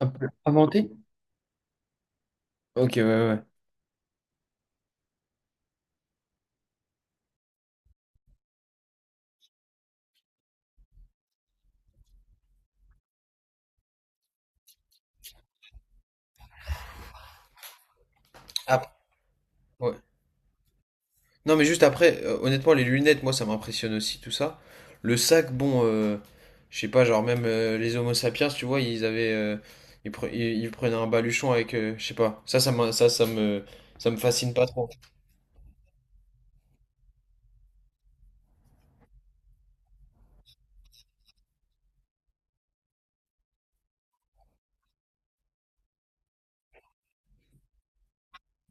Ah, pour inventer? Ok, ouais, ouais, ouais. Ap- ouais. Non, mais juste après, honnêtement, les lunettes, moi, ça m'impressionne aussi, tout ça. Le sac, bon, je sais pas, genre même les Homo sapiens, tu vois, ils avaient, ils prenaient un baluchon avec, je sais pas, ça, m'in- ça, ça me fascine pas trop.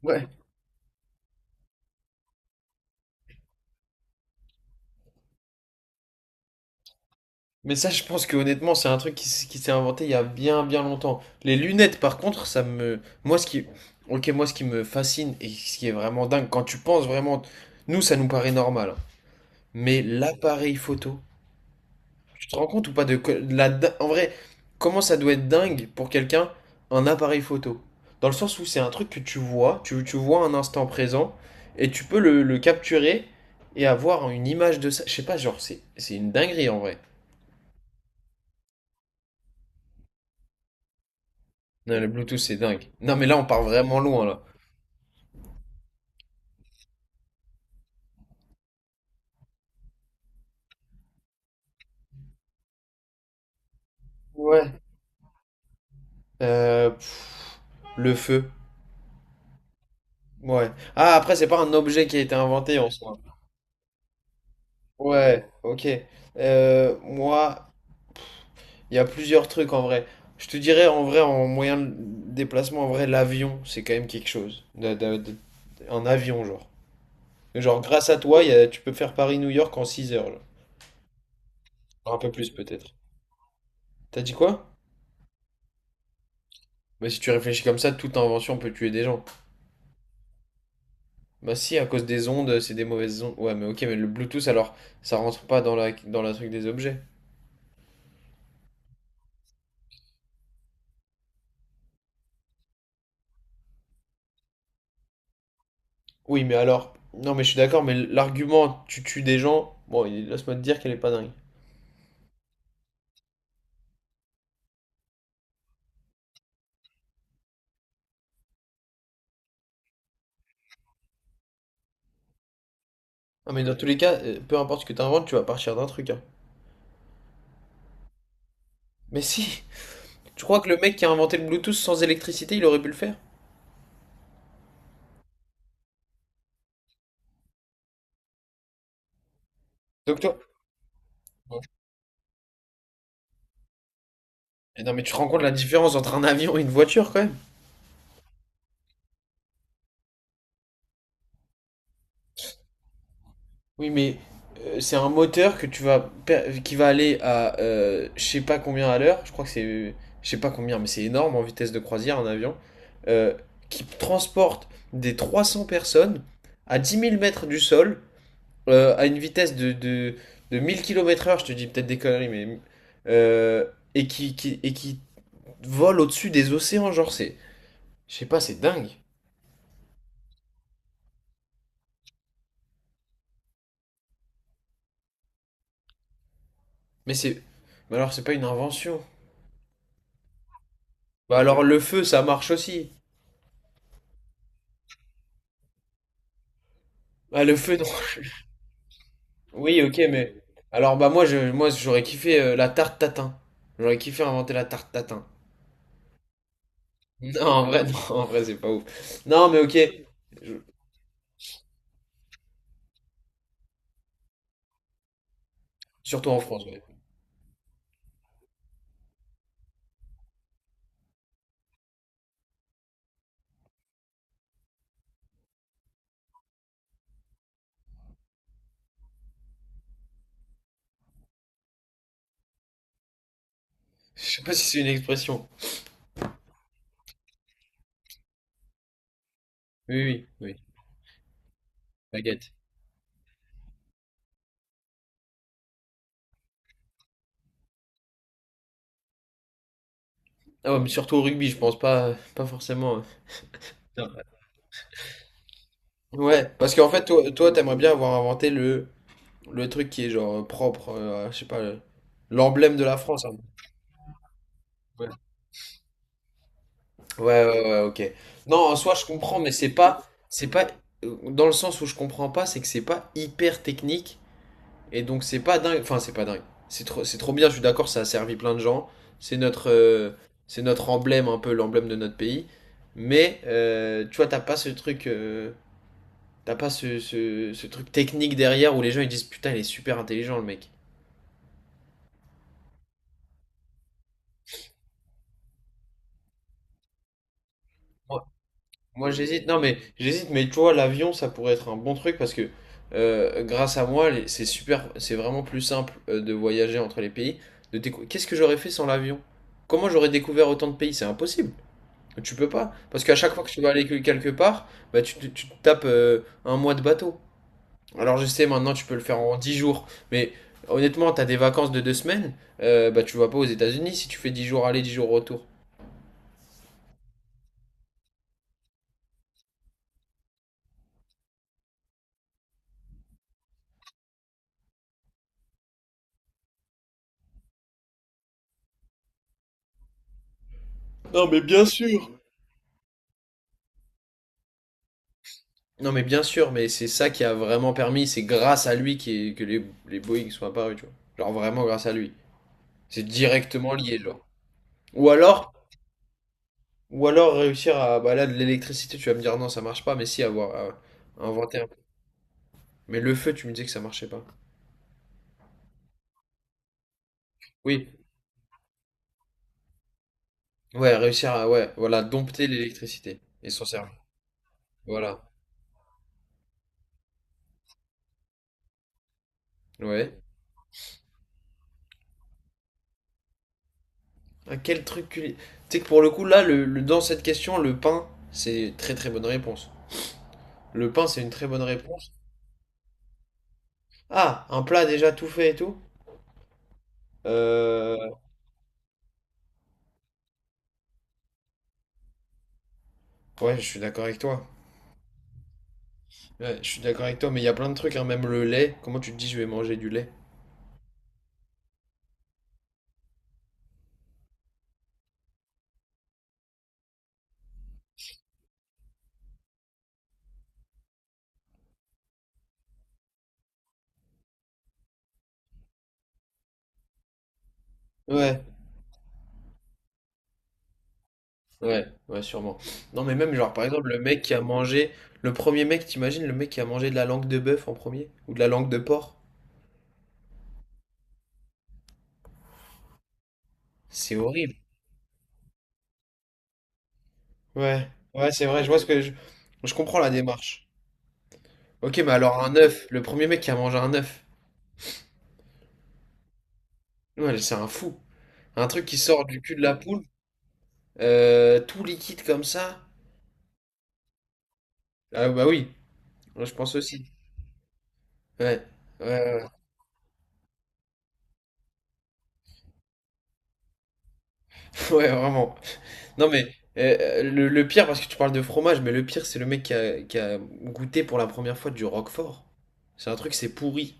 Ouais. Mais ça, je pense que honnêtement, c'est un truc qui s'est inventé il y a bien, bien longtemps. Les lunettes, par contre, ça me, moi, ce qui, ok, moi, ce qui me fascine et ce qui est vraiment dingue, quand tu penses vraiment, nous, ça nous paraît normal, hein. Mais l'appareil photo, tu te rends compte ou pas de, que- de la di- en vrai, comment ça doit être dingue pour quelqu'un un appareil photo? Dans le sens où c'est un truc que tu vois, tu vois un instant présent et tu peux le capturer et avoir une image de ça. Je sais pas, genre c'est une dinguerie en vrai. Non, le Bluetooth c'est dingue. Non mais là on part vraiment loin là. Ouais. Euh, pff, le feu. Ouais. Ah après c'est pas un objet qui a été inventé en soi. Ouais, ok. Moi, il y a plusieurs trucs en vrai. Je te dirais en vrai, en moyen de déplacement, en vrai, l'avion, c'est quand même quelque chose. Un avion, genre. Genre, grâce à toi, tu peux faire Paris-New York en 6 heures, genre. Un peu plus, peut-être. T'as dit quoi? Bah, si tu réfléchis comme ça, toute invention peut tuer des gens. Bah, si, à cause des ondes, c'est des mauvaises ondes. Ouais, mais ok, mais le Bluetooth, alors, ça rentre pas dans la truc des objets. Oui, mais alors. Non, mais je suis d'accord, mais l'argument, tu tues des gens, bon, laisse-moi te dire qu'elle est pas dingue. Ah, mais dans tous les cas, peu importe ce que tu inventes, tu vas partir d'un truc, hein. Mais si, tu crois que le mec qui a inventé le Bluetooth sans électricité, il aurait pu le faire? Donc toi... Bon. Mais non, mais tu te rends compte de la différence entre un avion et une voiture quand même? Oui, mais c'est un moteur que qui va aller à je sais pas combien à l'heure, je crois que c'est je sais pas combien, mais c'est énorme en vitesse de croisière un avion, euh, qui transporte des 300 personnes à 10 000 mètres du sol à une vitesse de 1000 km/h, je te dis peut-être des conneries, mais euh, et qui volent au-dessus des océans, genre c'est. Je sais pas, c'est dingue. Mais c'est. Mais alors c'est pas une invention. Bah alors le feu ça marche aussi. Ah le feu non. Oui ok mais. Alors bah moi je moi j'aurais kiffé la tarte tatin. J'aurais kiffé inventer la tarte tatin. Non en vrai non, en vrai c'est pas ouf. Non mais ok. Je- Surtout en France, ouais. Je sais pas si c'est une expression. Oui oui oui. Baguette. Ah ouais mais surtout au rugby je pense pas forcément. euh. Ouais, parce qu'en fait toi t'aimerais bien avoir inventé le truc qui est genre propre, je sais pas, l'emblème de la France, hein. Ouais. Ouais, ouais, ouais, ok. Non, en soi, je comprends, mais c'est pas, dans le sens où je comprends pas, c'est que c'est pas hyper technique, et donc c'est pas dingue, enfin, c'est pas dingue. C'est trop bien, je suis d'accord, ça a servi plein de gens. C'est notre emblème, un peu l'emblème de notre pays. Mais, tu vois, t'as pas ce truc, t'as pas ce truc technique derrière où les gens ils disent, putain, il est super intelligent, le mec. Moi j'hésite, non mais j'hésite, mais tu vois, l'avion ça pourrait être un bon truc parce que grâce à moi, c'est super, c'est vraiment plus simple de voyager entre les pays. Qu'est-ce que j'aurais fait sans l'avion? Comment j'aurais découvert autant de pays? C'est impossible. Tu peux pas. Parce qu'à chaque fois que tu vas aller quelque part, bah, tu te tapes un mois de bateau. Alors je sais, maintenant tu peux le faire en 10 jours, mais honnêtement, t'as des vacances de 2 semaines, bah, tu vas pas aux États-Unis si tu fais 10 jours aller, 10 jours retour. Non, mais bien sûr, mais c'est ça qui a vraiment permis, c'est grâce à lui que les Boeing sont apparus, tu vois. Genre vraiment grâce à lui. C'est directement lié, genre. Ou alors, ou alors, réussir à, bah là, de l'électricité, tu vas me dire non, ça marche pas, mais si, avoir, à inventer un. Mais le feu, tu me disais que ça marchait pas. Oui, ouais, réussir à, ouais, voilà, dompter l'électricité et s'en servir. Voilà, ouais. Ah, tu sais que pour le coup, là, dans cette question, le pain, c'est très très bonne réponse. Le pain, c'est une très bonne réponse. Ah, un plat déjà tout fait et tout? Euh, Ouais, je suis d'accord avec toi. Ouais, je suis d'accord avec toi, mais il y a plein de trucs, hein, même le lait. Comment tu te dis, je vais manger du lait? Ouais, ouais, ouais, sûrement. Non, mais même, genre, par exemple, le mec qui a mangé, le premier mec, t'imagines, le mec qui a mangé de la langue de bœuf en premier, ou de la langue de porc? C'est horrible. Ouais, ouais, c'est vrai, je vois ce que je comprends la démarche. Ok, mais alors un œuf, le premier mec qui a mangé un œuf, ouais, c'est un fou. Un truc qui sort du cul de la poule, tout liquide comme ça. Ah bah oui, je pense aussi. Ouais, ouais, ouais, ouais, ouais, vraiment. Non, mais le pire, parce que tu parles de fromage, mais le pire, c'est le mec qui a goûté pour la première fois du Roquefort. C'est un truc, c'est pourri.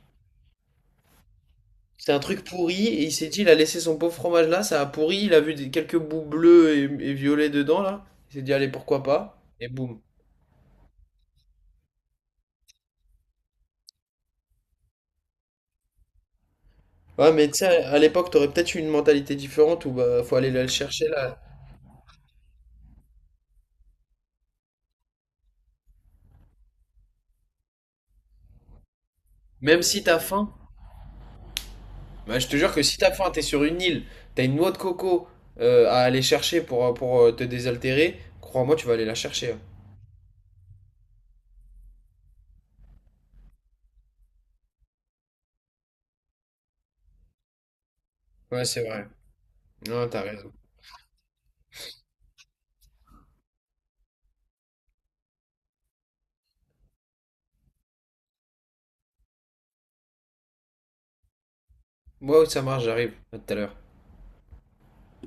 C'est un truc pourri, et il s'est dit, il a laissé son pauvre fromage là, ça a pourri, il a vu quelques bouts bleus et violets dedans, là. Il s'est dit, allez, pourquoi pas? Et boum. Ouais, mais tu sais, à l'époque, t'aurais peut-être eu une mentalité différente où bah, faut aller le chercher là. Même si t'as faim, bah, je te jure que si t'as faim, t'es sur une île, t'as une noix de coco à aller chercher pour te désaltérer, crois-moi, tu vas aller la chercher, hein. Ouais, c'est vrai. Non, t'as raison. Moi, ça marche, j'arrive. À tout à l'heure.